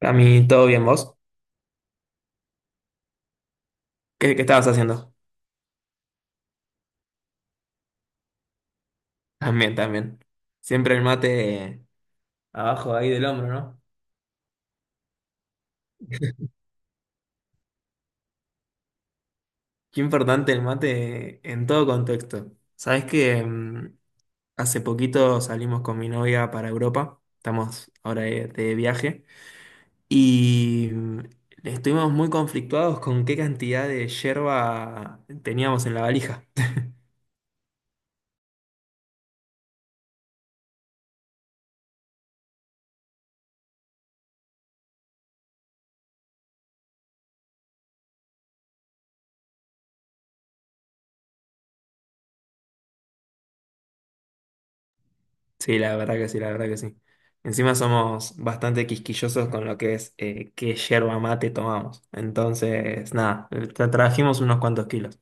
A mí, ¿todo bien vos? ¿Qué estabas haciendo? También, también. Siempre el mate abajo ahí del hombro, ¿no? Qué importante el mate en todo contexto. Sabés que hace poquito salimos con mi novia para Europa. Estamos ahora de viaje. Y mm, Estuvimos muy conflictuados con qué cantidad de yerba teníamos en la valija. Sí, la verdad que sí, la verdad que sí. Encima somos bastante quisquillosos con lo que es qué yerba mate tomamos. Entonces, nada, trajimos unos cuantos kilos.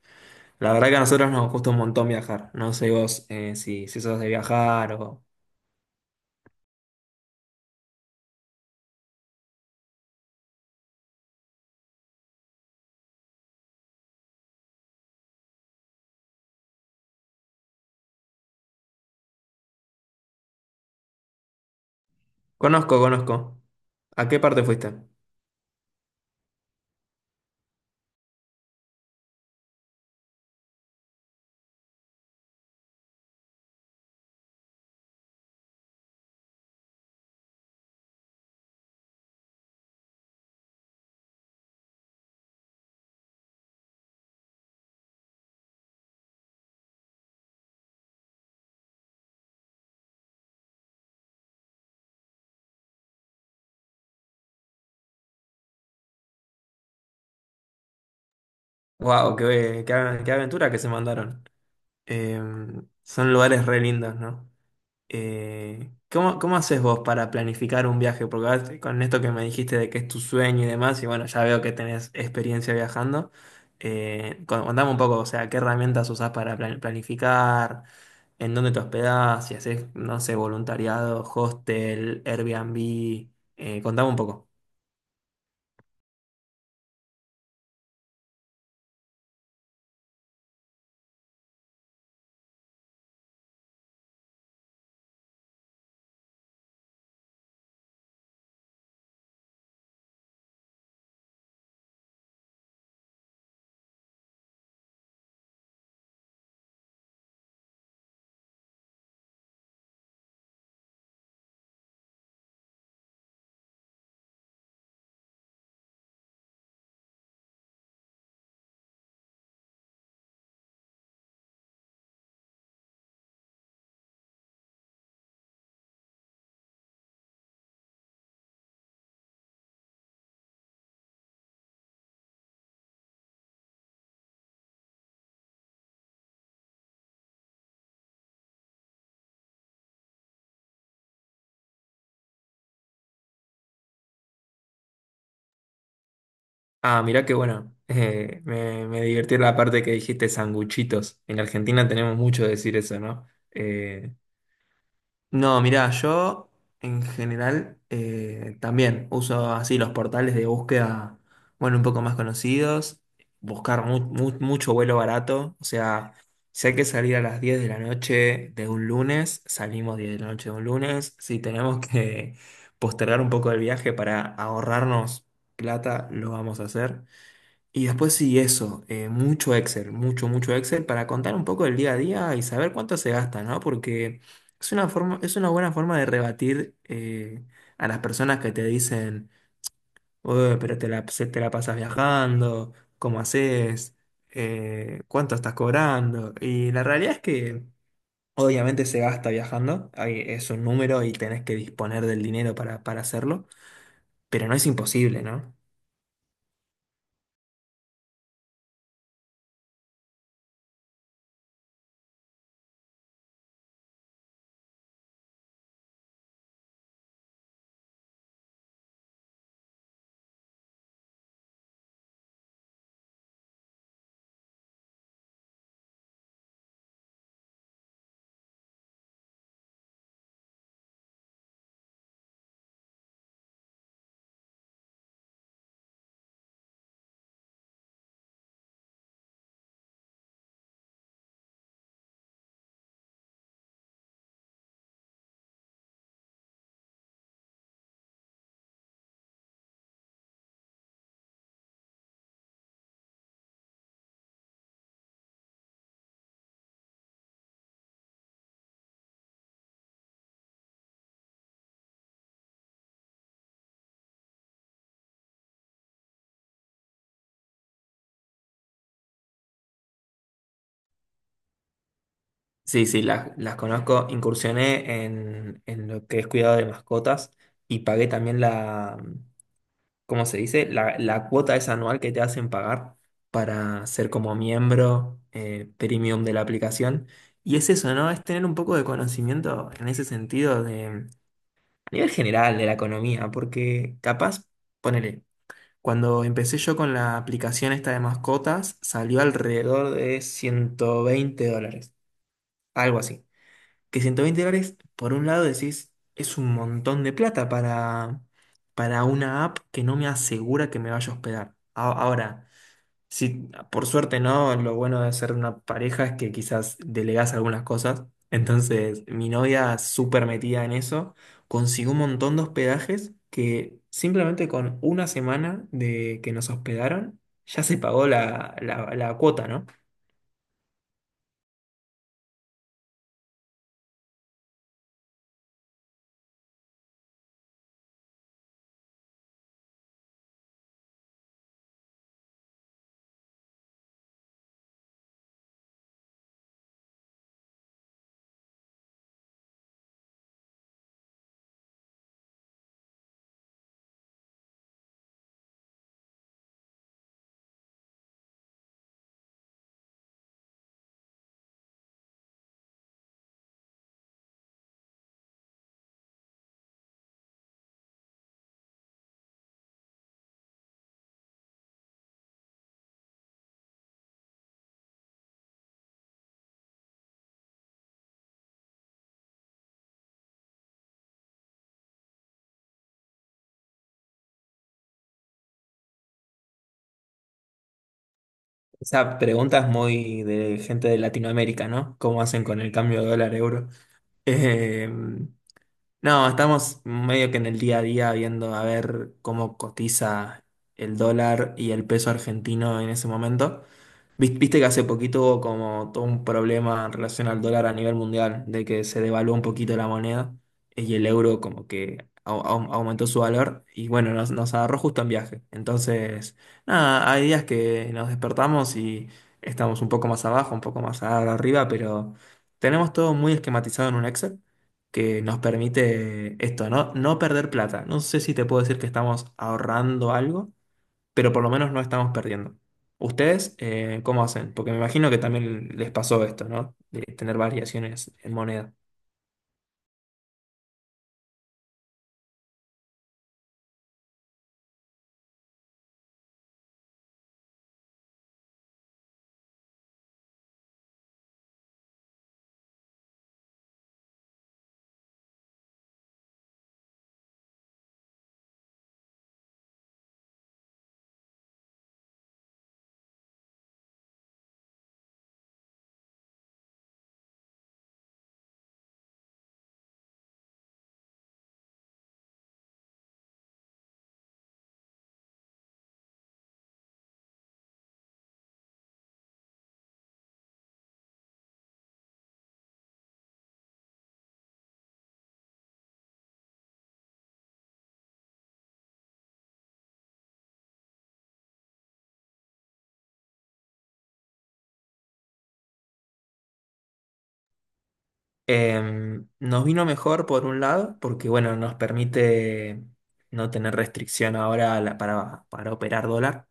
La verdad que a nosotros nos gusta un montón viajar. No sé vos si sos de viajar o... Conozco, conozco. ¿A qué parte fuiste? Wow, qué aventura que se mandaron. Eh, son lugares re lindos, ¿no? ¿Cómo haces vos para planificar un viaje? Porque ahora con esto que me dijiste de que es tu sueño y demás, y bueno, ya veo que tenés experiencia viajando, contame un poco, o sea, ¿qué herramientas usás para planificar? ¿En dónde te hospedás? Si haces, no sé, voluntariado, hostel, Airbnb, contame un poco. Ah, mirá qué bueno, me divirtió la parte que dijiste sanguchitos. En Argentina tenemos mucho de decir eso, ¿no? No, mirá, yo en general también uso así los portales de búsqueda, bueno, un poco más conocidos, buscar mucho vuelo barato, o sea, si hay que salir a las 10 de la noche de un lunes, salimos 10 de la noche de un lunes, si tenemos que postergar un poco el viaje para ahorrarnos plata, lo vamos a hacer. Y después sí, eso, mucho Excel, mucho Excel para contar un poco del día a día y saber cuánto se gasta, ¿no? Porque es una forma, es una buena forma de rebatir a las personas que te dicen: "Ué, pero te la pasas viajando, ¿cómo haces? ¿Cuánto estás cobrando?". Y la realidad es que obviamente se gasta viajando, es un número y tenés que disponer del dinero para hacerlo, pero no es imposible, ¿no? Sí, sí, las conozco. Incursioné en lo que es cuidado de mascotas y pagué también la, ¿cómo se dice? La cuota es anual que te hacen pagar para ser como miembro premium de la aplicación. Y es eso, ¿no? Es tener un poco de conocimiento en ese sentido de, a nivel general de la economía, porque capaz, ponele, cuando empecé yo con la aplicación esta de mascotas, salió alrededor de 120 dólares, algo así que 120 dólares, por un lado decís, es un montón de plata para una app que no me asegura que me vaya a hospedar. Ahora, si por suerte no, lo bueno de ser una pareja es que quizás delegás algunas cosas. Entonces, mi novia, súper metida en eso, consiguió un montón de hospedajes que simplemente con una semana de que nos hospedaron, ya se pagó la, la cuota, ¿no? Esa pregunta es muy de gente de Latinoamérica, ¿no? ¿Cómo hacen con el cambio de dólar-euro? Em, no, estamos medio que en el día a día viendo a ver cómo cotiza el dólar y el peso argentino en ese momento. Viste que hace poquito hubo como todo un problema en relación al dólar a nivel mundial, de que se devaluó un poquito la moneda y el euro como que aumentó su valor y bueno, nos agarró justo en viaje. Entonces, nada, hay días que nos despertamos y estamos un poco más abajo, un poco más arriba, pero tenemos todo muy esquematizado en un Excel que nos permite esto, ¿no? No perder plata. No sé si te puedo decir que estamos ahorrando algo, pero por lo menos no estamos perdiendo. ¿Ustedes cómo hacen? Porque me imagino que también les pasó esto, ¿no? De tener variaciones en moneda. Nos vino mejor por un lado, porque bueno, nos permite no tener restricción ahora a para operar dólar.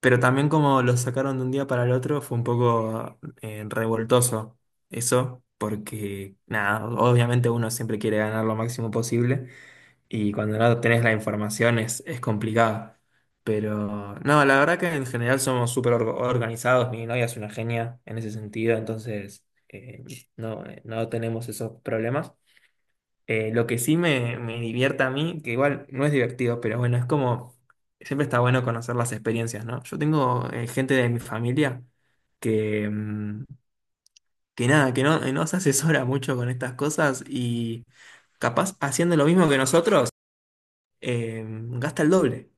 Pero también como lo sacaron de un día para el otro fue un poco revoltoso eso, porque nada, obviamente uno siempre quiere ganar lo máximo posible y cuando no tenés la información es complicado. Pero no, la verdad que en general somos súper organizados, mi novia es una genia en ese sentido, entonces no tenemos esos problemas. Lo que sí me divierte a mí, que igual no es divertido, pero bueno, es como, siempre está bueno conocer las experiencias, ¿no? Yo tengo gente de mi familia que, mm, que nada, que no se asesora mucho con estas cosas y capaz haciendo lo mismo que nosotros, eh, gasta el doble.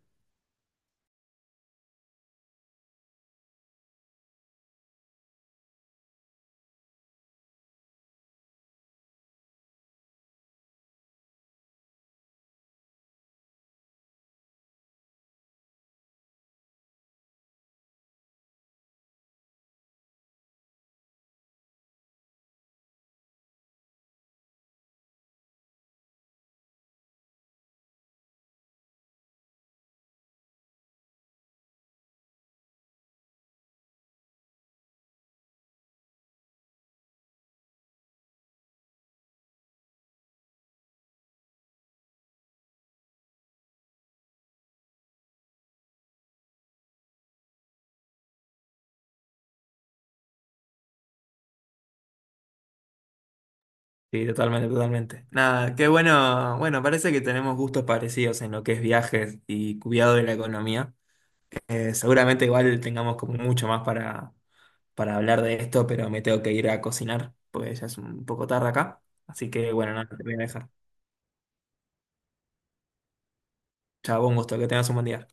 Sí, totalmente, totalmente. Nada, qué bueno, bueno, parece que tenemos gustos parecidos en lo que es viajes y cuidado de la economía. Seguramente igual tengamos como mucho más para hablar de esto, pero me tengo que ir a cocinar, porque ya es un poco tarde acá. Así que bueno, nada, te voy a dejar. Chao, un gusto, que tengas un buen día.